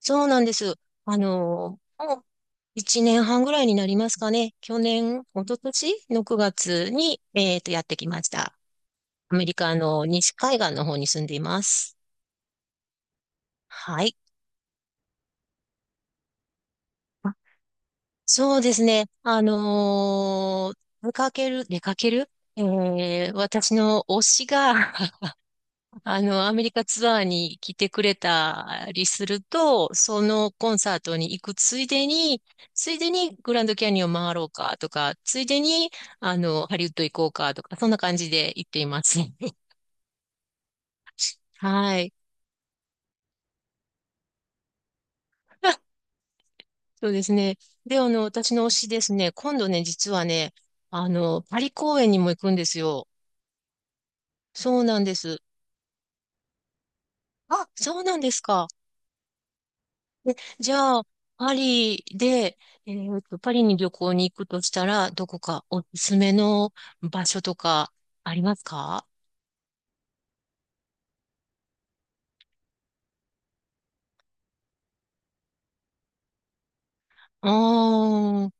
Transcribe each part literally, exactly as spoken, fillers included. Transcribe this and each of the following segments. そうなんです。あの、もういちねんはんぐらいになりますかね。去年、一昨年のくがつに、えっと、やってきました。アメリカの西海岸の方に住んでいます。はい。あそうですね。あのー出かける、出かけるえー、私の推しがあの、アメリカツアーに来てくれたりすると、そのコンサートに行くついでに、ついでにグランドキャニオン回ろうかとか、ついでに、あの、ハリウッド行こうかとか、そんな感じで行っています。はい。そうですね。で、あの、私の推しですね、今度ね、実はね、あの、パリ公演にも行くんですよ。そうなんです。あ、そうなんですか。じゃあ、パリで、えーと、パリに旅行に行くとしたら、どこかおすすめの場所とかありますか？ああー、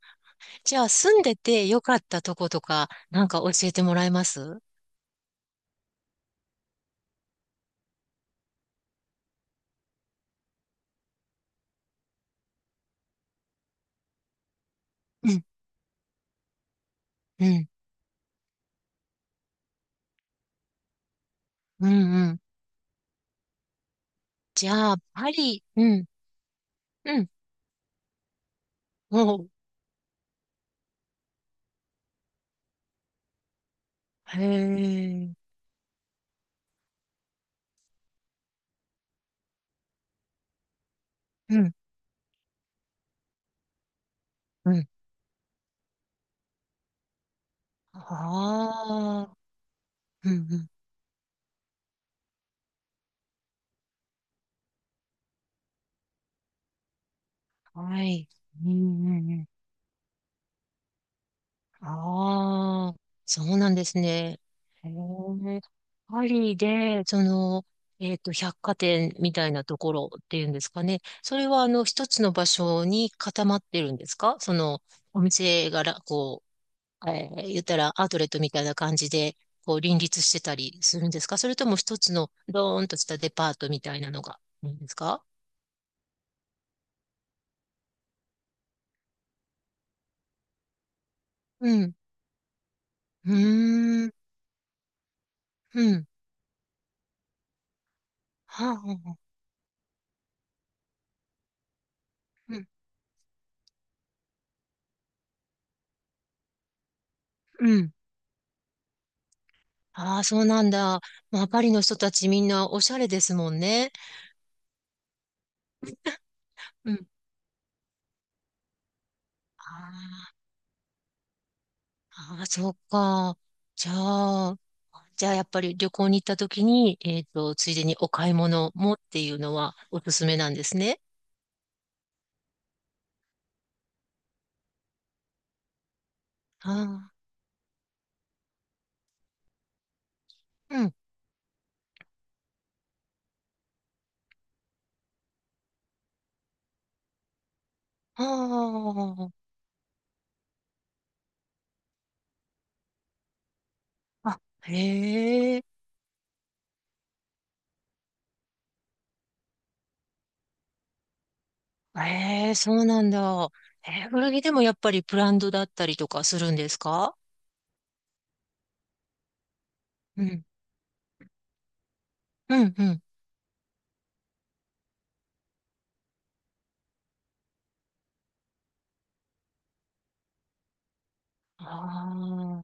じゃあ住んでてよかったとことか、なんか教えてもらえます？うん、うん、うん、うん。じゃあ、パリ、うん、うん、おう、へえ、うん、うん。ああ、うん、うん、はい、うん、うん、うん。ああ、そうなんですね。へえ。パリで、その、えっと、百貨店みたいなところっていうんですかね。それは、あの、一つの場所に固まってるんですか？その、お店がら、こう、えー言ったらアウトレットみたいな感じで、こう、林立してたりするんですか？それとも一つの、ドーンとしたデパートみたいなのがいいんですか？うん。うーん。うん。はあ、はあはあうん。うん。ああ、そうなんだ。まあ、パリの人たちみんなおしゃれですもんね。うん。あーあー、そうか。じゃあ、じゃあやっぱり旅行に行った時に、えっと、ついでにお買い物もっていうのはおすすめなんですね。ああ、うん。ああ、あ、へえ、へえ、そうなんだ。えー、古着でもやっぱりブランドだったりとかするんですか？うん、うん、うん。あ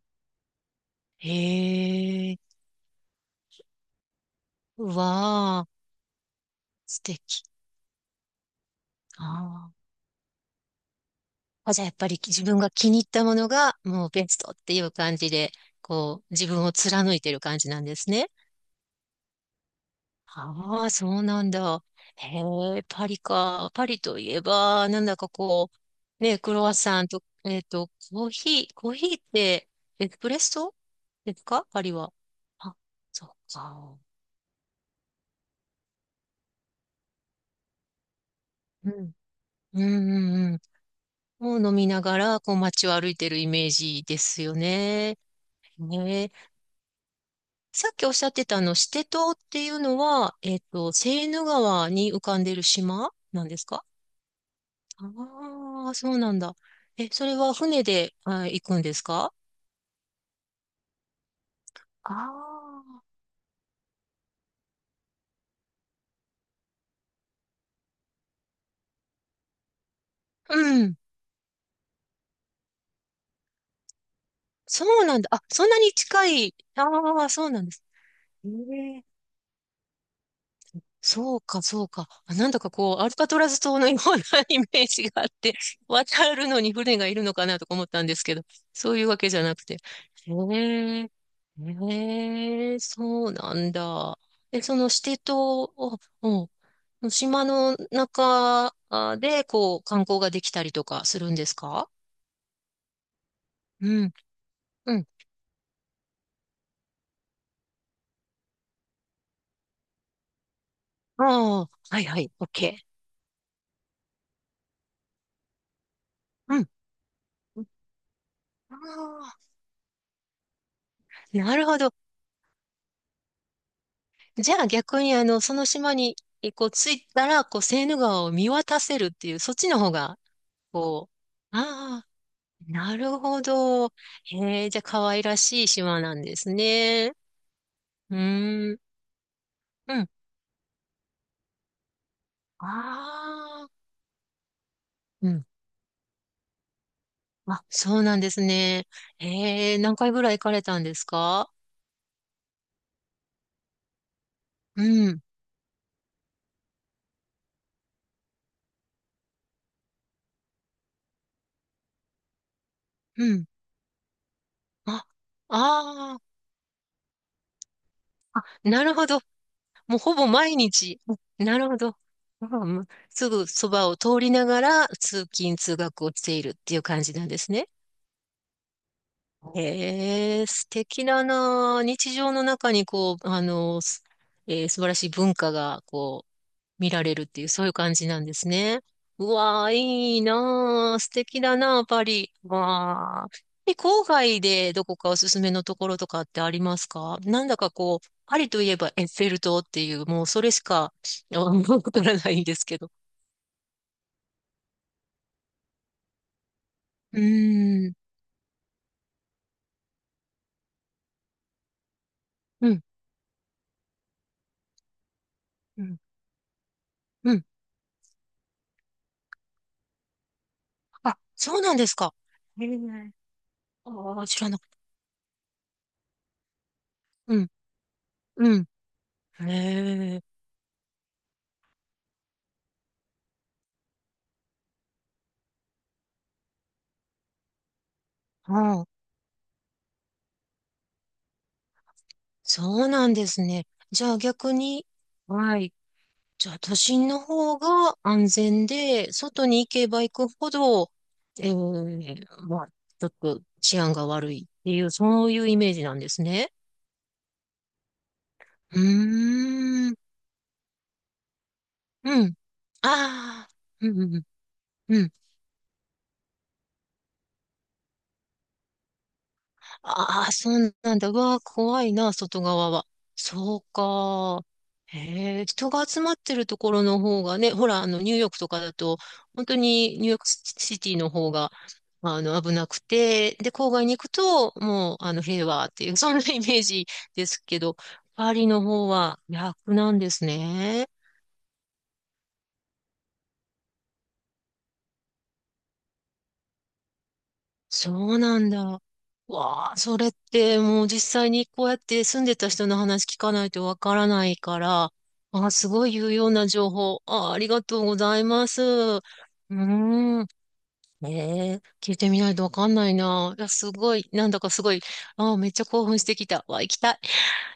あ、へえ、うわあ。素敵。ああ。あじゃあやっぱり自分が気に入ったものがもうベストっていう感じで、こう自分を貫いてる感じなんですね。ああ、そうなんだ。へえ、パリか。パリといえば、なんだかこう、ね、クロワッサンと、えっと、コーヒー、コーヒーってエスプレッソですかパリは？あ、そうか。うん。うんうんうん。を飲みながら、こう街を歩いてるイメージですよね。ね、さっきおっしゃってたあの、シテ島っていうのは、えっと、セーヌ川に浮かんでる島なんですか？ああー、そうなんだ。え、それは船で、あ、行くんですか？ああー、うん。そうなんだ。あ、そんなに近い。ああ、そうなんです。へえ、そうか、そうか。あなんだかこう、アルカトラズ島のような イメージがあって、渡るのに船がいるのかなとか思ったんですけど、そういうわけじゃなくて。へえ、へえ、そうなんだ。え、そのシテ島を、うん、島の中あで、こう、観光ができたりとかするんですか？うん、うん。ああ、はいはい、オッケー。うん。ああ、なるほど。じゃあ逆にあの、その島に、えこう、着いたら、こう、セーヌ川を見渡せるっていう、そっちの方が、こう、ああ、なるほど。へえ、じゃあ可愛らしい島なんですね。うーん、うん。ああ、うん。あ、そうなんですね。へえ、何回ぐらい行かれたんですか？うん、うん。あ、ああ、なるほど。もうほぼ毎日。なるほど。ああ、まあすぐそばを通りながら通勤通学をしているっていう感じなんですね。へえ、素敵だなあ。日常の中にこう、あの、すえー素晴らしい文化がこ見られるっていう、そういう感じなんですね。うわー、いいなー、素敵だなー、パリ。わー。え、郊外でどこかおすすめのところとかってありますか？なんだかこう、パリといえばエッフェル塔っていう、もうそれしか、あわからないんですけど。うーん、うん、うん、うん。あ、そうなんですか。へえ。ああ、知らなかった。うん、うん。へえ。ああ、そうなんですね。じゃあ逆に、はい。じゃあ、都心の方が安全で、外に行けば行くほど、えー、まあ、ちょっと治安が悪いっていう、そういうイメージなんですね。うーん。うん。ああ。うん、うん、うん。ああ、そうなんだ。うわあ、怖いな、外側は。そうか。へえ、人が集まってるところの方がね、ほら、あの、ニューヨークとかだと、本当にニューヨークシティの方が、まあの、危なくて、で、郊外に行くと、もう、あの、平和っていう、そんなイメージですけど、パリの方は逆なんですね。そうなんだ。わあ、それってもう実際にこうやって住んでた人の話聞かないとわからないから、あ、すごい有用な情報。あ、ありがとうございます。うーん。ええ、聞いてみないとわかんないな。いや、すごい、なんだかすごい、あ、めっちゃ興奮してきた。わ、行きたい。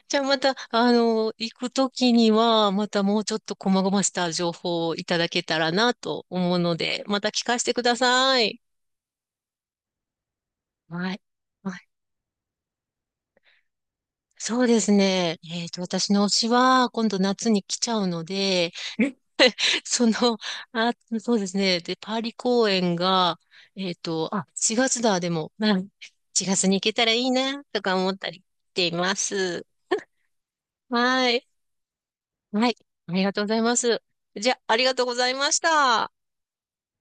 じゃあまた、あの、行くときには、またもうちょっと細々した情報をいただけたらなと思うので、また聞かせてください。はい。そうですね。えっと、私の推しは、今度夏に来ちゃうので、その、あ、そうですね。で、パーリ公演が、えっと、あ、しがつだ、でも、うん月に行けたらいいな、とか思ったりしています。はい。はい。ありがとうございます。じゃあ、ありがとうございました。